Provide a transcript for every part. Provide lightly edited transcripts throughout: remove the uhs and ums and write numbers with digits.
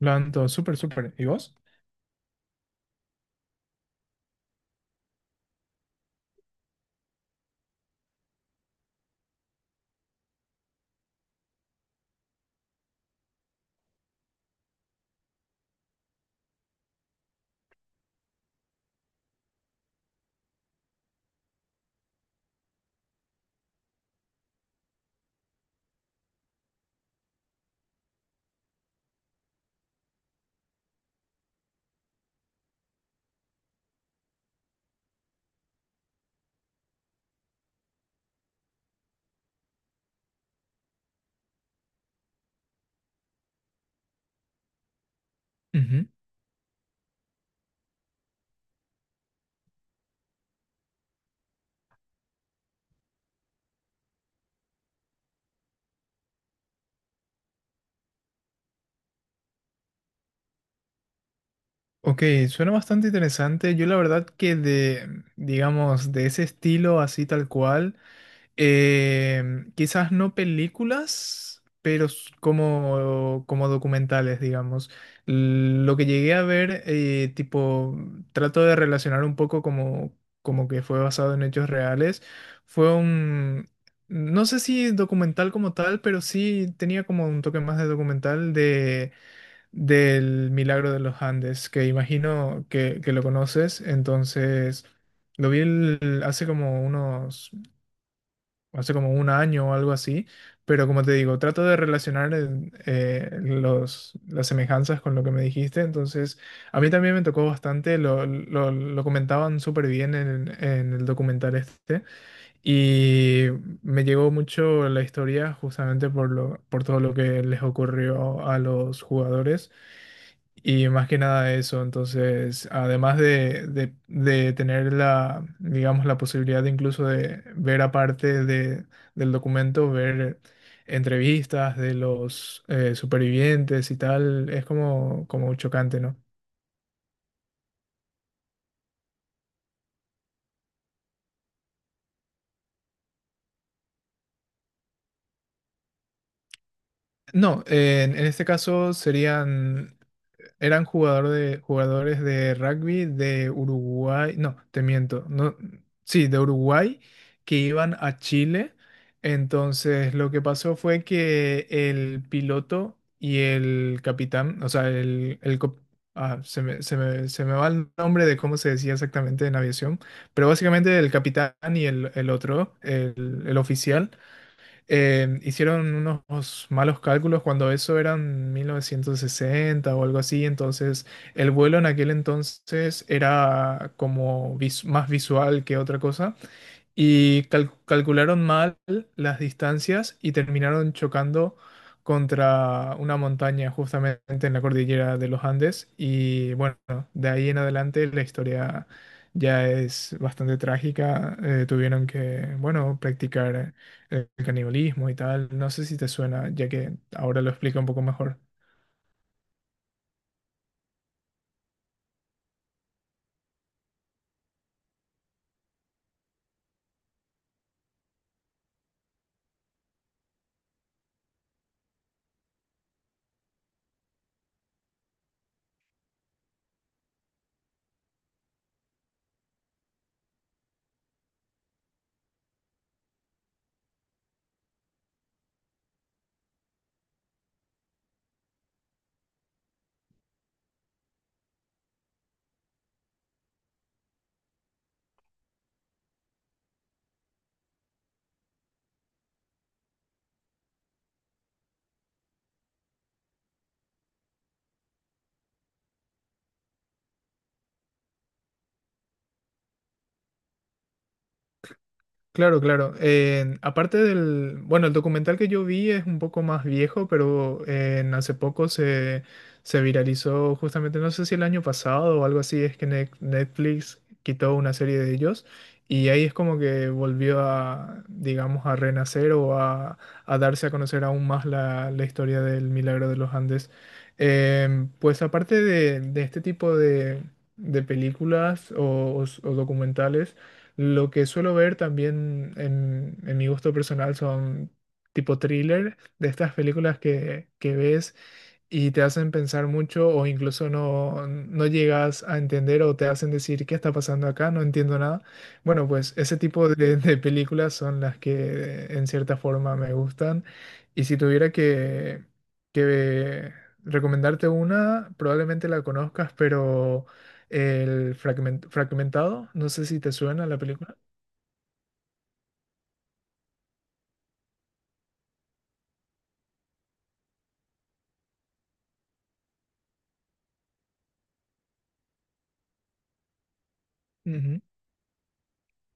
Lo ando, súper, súper. ¿Y vos? Ujú. Ok, suena bastante interesante. Yo la verdad que digamos, de ese estilo así tal cual, quizás no películas, pero como, como documentales, digamos. Lo que llegué a ver, tipo, trato de relacionar un poco como, como que fue basado en hechos reales, fue un... No sé si documental como tal, pero sí tenía como un toque más de documental de del Milagro de los Andes, que imagino que lo conoces. Entonces, hace como unos, hace como un año o algo así, pero como te digo, trato de relacionar las semejanzas con lo que me dijiste. Entonces, a mí también me tocó bastante, lo comentaban súper bien en el documental este. Y me llegó mucho la historia justamente por lo, por todo lo que les ocurrió a los jugadores. Y más que nada eso, entonces, además de tener la, digamos, la posibilidad de incluso de ver aparte de, del documento, ver entrevistas de los supervivientes y tal, es como, como chocante, ¿no? No, en este caso serían eran jugadores de rugby de Uruguay, no, te miento, no, sí, de Uruguay que iban a Chile. Entonces, lo que pasó fue que el piloto y el capitán, o sea, el co- ah, se me, se me- se me va el nombre de cómo se decía exactamente en aviación, pero básicamente el capitán y el otro, el oficial hicieron unos malos cálculos cuando eso eran 1960 o algo así, entonces el vuelo en aquel entonces era como más visual que otra cosa y calcularon mal las distancias y terminaron chocando contra una montaña justamente en la cordillera de los Andes y bueno, de ahí en adelante la historia ya es bastante trágica. Tuvieron que, bueno, practicar el canibalismo y tal. No sé si te suena, ya que ahora lo explico un poco mejor. Claro, claro. Aparte del, bueno, el documental que yo vi es un poco más viejo, pero hace poco se viralizó justamente, no sé si el año pasado o algo así, es que Netflix quitó una serie de ellos y ahí es como que volvió a, digamos, a renacer o a darse a conocer aún más la, la historia del Milagro de los Andes. Pues aparte de este tipo de películas o documentales, lo que suelo ver también en mi gusto personal son tipo thriller, de estas películas que ves y te hacen pensar mucho o incluso no, no llegas a entender o te hacen decir, ¿qué está pasando acá? No entiendo nada. Bueno, pues ese tipo de películas son las que en cierta forma me gustan. Y si tuviera que recomendarte una, probablemente la conozcas, pero... El fragmentado, no sé si te suena la película. Ujú.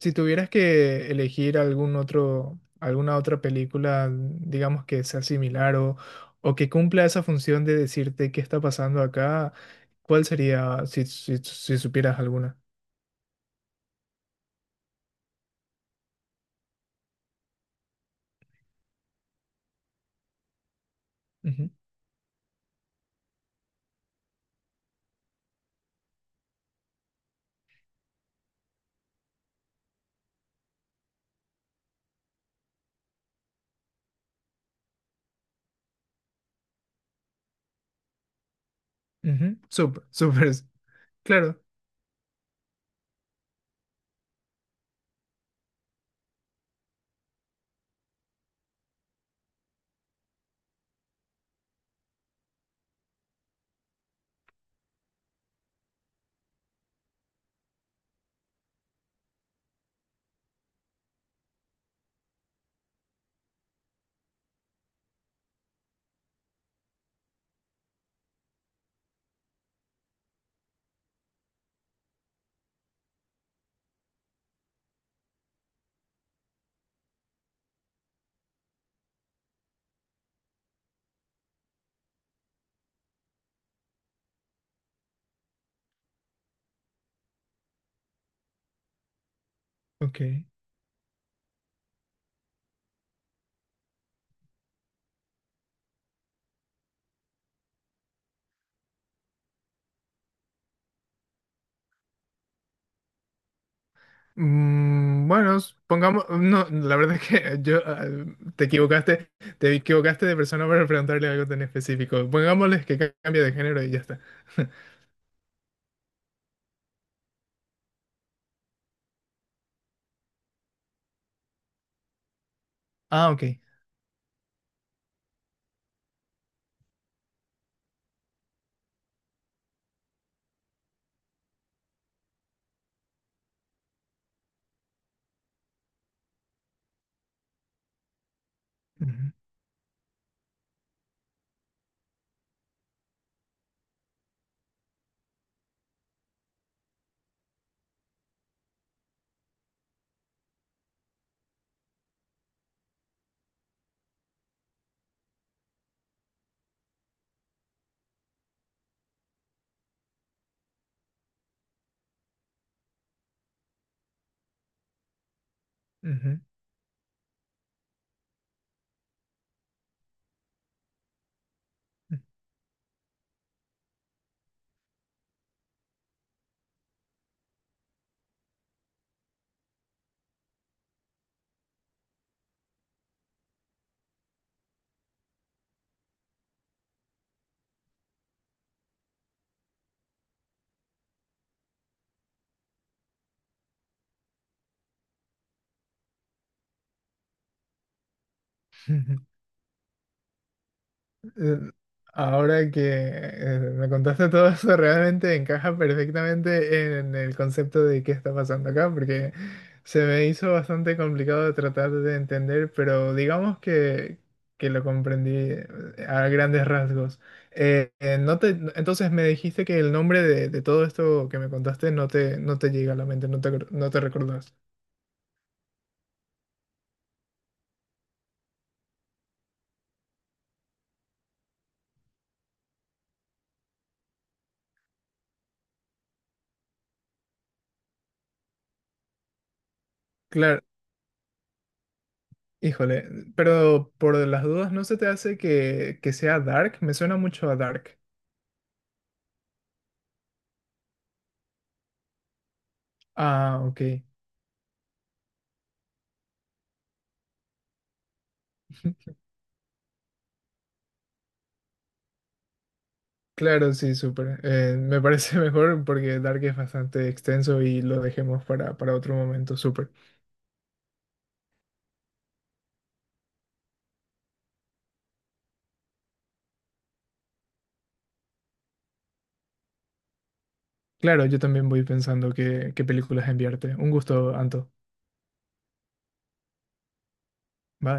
Si tuvieras que elegir algún otro, alguna otra película, digamos que sea similar o que cumpla esa función de decirte qué está pasando acá, ¿cuál sería si supieras alguna? Ujú. Ujú. Súper, súper, claro. Ok. Mm, bueno, pongamos, no, la verdad es que yo te equivocaste, te equivocaste de persona para preguntarle algo tan específico. Pongámosles que cambie de género y ya está. Ah, ok. Ujú, ujú, ujú. Eh, Ahora que me contaste todo eso, realmente encaja perfectamente en el concepto de qué está pasando acá, porque se me hizo bastante complicado de tratar de entender, pero digamos que lo comprendí a grandes rasgos. No te, entonces me dijiste que el nombre de todo esto que me contaste no te, no te llega a la mente, no te recordás. Claro, híjole, pero por las dudas, ¿no se te hace que sea Dark? Me suena mucho a Dark. Ah, ok. Claro, sí, súper. Me parece mejor porque Dark es bastante extenso y lo dejemos para otro momento, súper. Claro, yo también voy pensando qué películas enviarte. Un gusto, Anto. Bye.